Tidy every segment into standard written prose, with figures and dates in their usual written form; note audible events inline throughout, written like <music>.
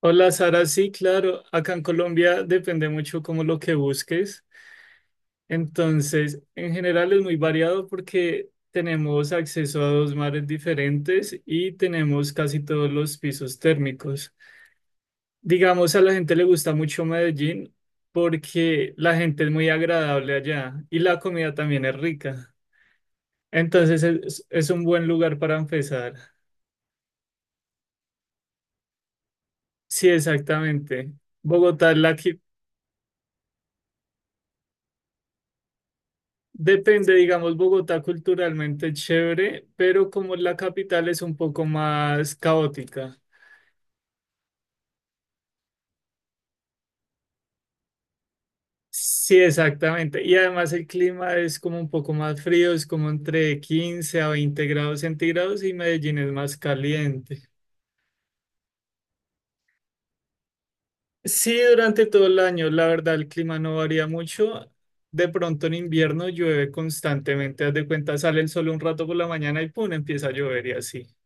Hola Sara, sí, claro, acá en Colombia depende mucho como lo que busques. Entonces, en general es muy variado porque tenemos acceso a dos mares diferentes y tenemos casi todos los pisos térmicos. Digamos, a la gente le gusta mucho Medellín porque la gente es muy agradable allá y la comida también es rica. Entonces, es un buen lugar para empezar. Sí, exactamente. Bogotá es la, qui- Depende, digamos, Bogotá culturalmente es chévere, pero como la capital es un poco más caótica. Sí, exactamente. Y además el clima es como un poco más frío, es como entre 15 a 20 grados centígrados y Medellín es más caliente. Sí, durante todo el año, la verdad, el clima no varía mucho. De pronto en invierno llueve constantemente, haz de cuenta, sale el sol un rato por la mañana y pum, empieza a llover y así.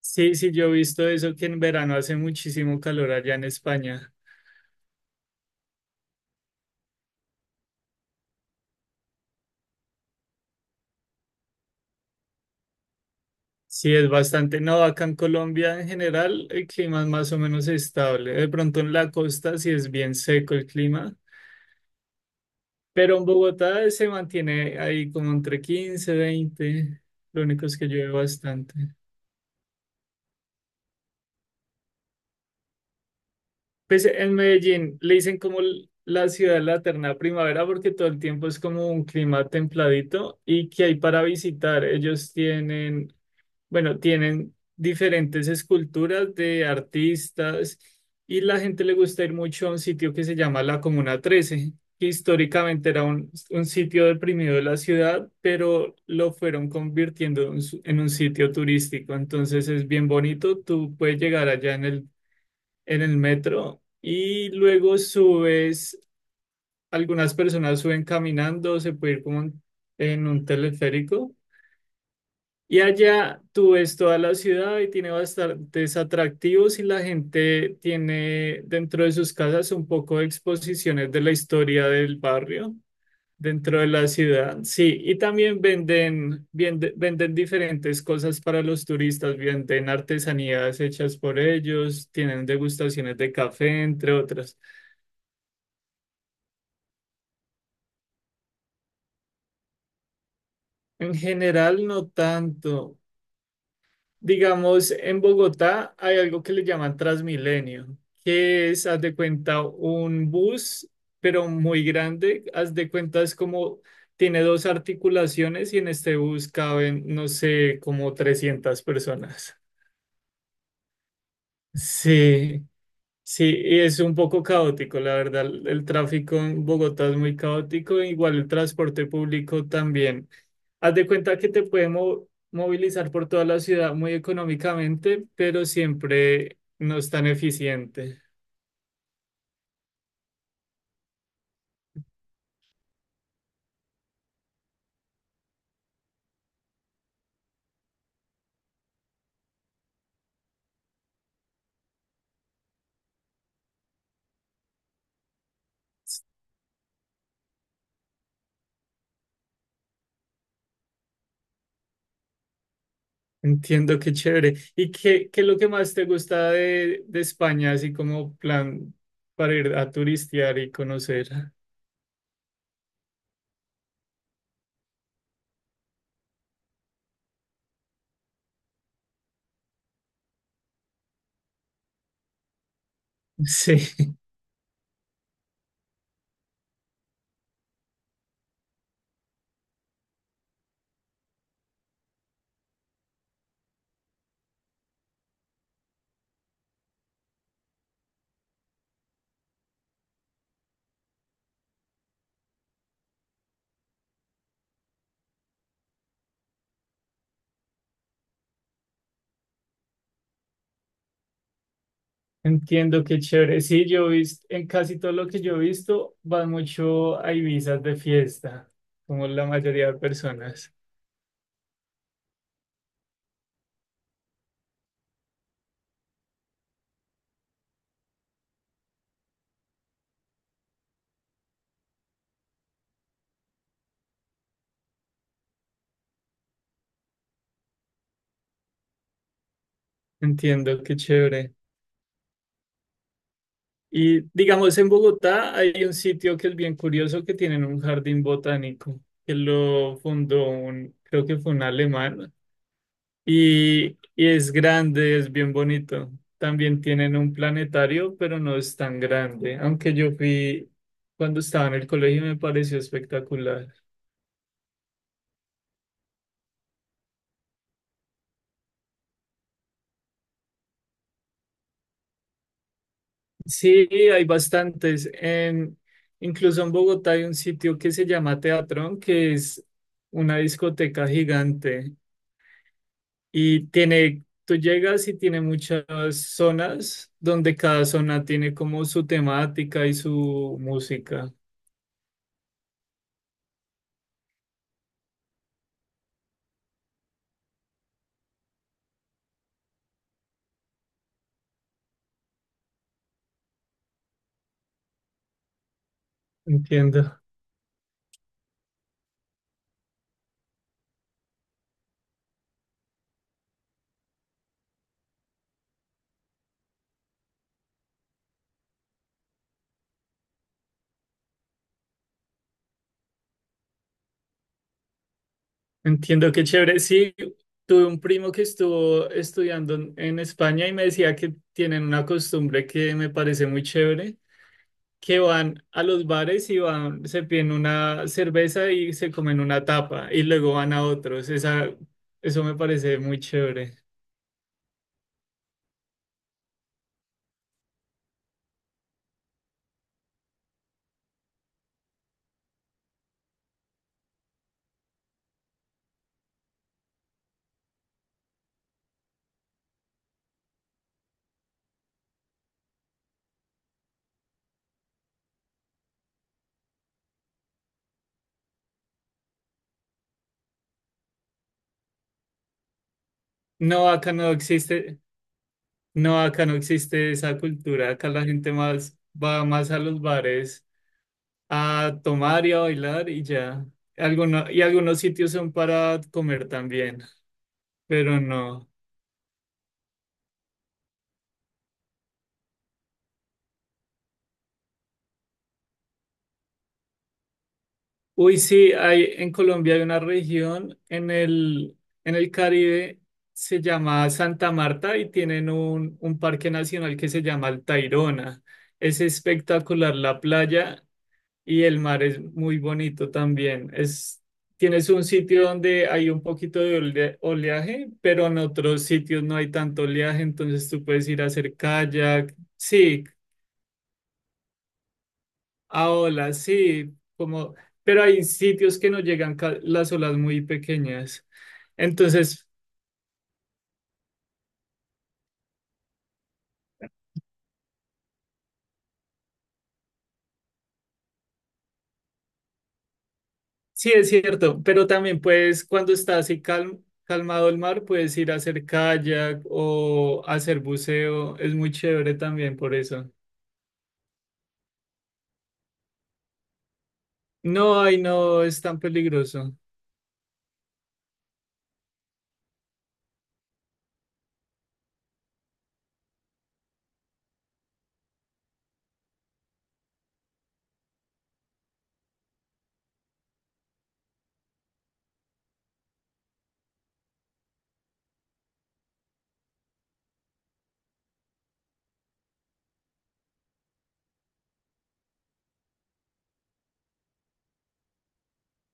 Sí, sí, yo he visto eso que en verano hace muchísimo calor allá en España. Sí, es bastante. No, acá en Colombia en general el clima es más o menos estable. De pronto en la costa sí es bien seco el clima, pero en Bogotá se mantiene ahí como entre 15, 20. Lo único es que llueve bastante. Pues en Medellín le dicen como la ciudad de la eterna primavera porque todo el tiempo es como un clima templadito y que hay para visitar. Ellos tienen. Bueno, tienen diferentes esculturas de artistas y la gente le gusta ir mucho a un sitio que se llama la Comuna 13, que históricamente era un sitio deprimido de la ciudad, pero lo fueron convirtiendo en en un sitio turístico. Entonces es bien bonito, tú puedes llegar allá en el metro y luego subes, algunas personas suben caminando, se puede ir como en un teleférico y allá tú ves toda la ciudad y tiene bastantes atractivos y la gente tiene dentro de sus casas un poco de exposiciones de la historia del barrio dentro de la ciudad. Sí, y también venden diferentes cosas para los turistas, venden artesanías hechas por ellos, tienen degustaciones de café, entre otras. En general, no tanto. Digamos, en Bogotá hay algo que le llaman Transmilenio, que es, haz de cuenta, un bus, pero muy grande. Haz de cuenta, es como, tiene dos articulaciones y en este bus caben, no sé, como 300 personas. Sí. Sí, y es un poco caótico, la verdad. El tráfico en Bogotá es muy caótico, igual el transporte público también. Haz de cuenta que te puede movilizar por toda la ciudad muy económicamente, pero siempre no es tan eficiente. Entiendo, qué chévere. ¿Y qué es lo que más te gusta de España, así como plan para ir a turistear y conocer? <laughs> Sí. Entiendo qué chévere. Sí, yo he visto, en casi todo lo que yo he visto, van mucho a Ibizas de fiesta, como la mayoría de personas. Entiendo qué chévere. Y digamos, en Bogotá hay un sitio que es bien curioso que tienen un jardín botánico, que lo fundó un, creo que fue un alemán, y, y es grande, es bien bonito. También tienen un planetario, pero no es tan grande, aunque yo fui cuando estaba en el colegio y me pareció espectacular. Sí, hay bastantes. Incluso en Bogotá hay un sitio que se llama Teatrón, que es una discoteca gigante y tiene, tú llegas y tiene muchas zonas donde cada zona tiene como su temática y su música. Entiendo, entiendo qué chévere. Sí, tuve un primo que estuvo estudiando en España y me decía que tienen una costumbre que me parece muy chévere que van a los bares y van, se piden una cerveza y se comen una tapa y luego van a otros. Esa, eso me parece muy chévere. No, acá no existe, no, acá no existe esa cultura. Acá la gente más va más a los bares a tomar y a bailar y ya. Alguno- y algunos sitios son para comer también, pero no. Uy, sí, hay en Colombia hay una región en el Caribe, se llama Santa Marta y tienen un parque nacional que se llama el Tayrona. Es espectacular la playa y el mar es muy bonito también. Es, tienes un sitio donde hay un poquito de oleaje, pero en otros sitios no hay tanto oleaje, entonces tú puedes ir a hacer kayak. Sí, ahora sí, como, pero hay sitios que no llegan las olas muy pequeñas. Entonces, sí es cierto, pero también puedes, cuando está así calmado el mar, puedes ir a hacer kayak o hacer buceo. Es muy chévere también por eso. No, ay, no es tan peligroso,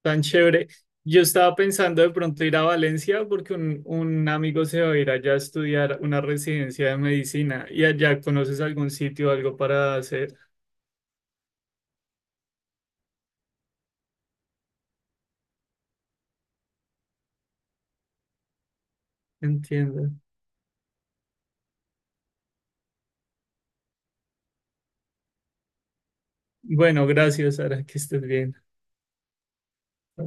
tan chévere. Yo estaba pensando de pronto ir a Valencia porque un amigo se va a ir allá a estudiar una residencia de medicina y allá conoces algún sitio, algo para hacer. Entiendo. Bueno, gracias, Sara, que estés bien.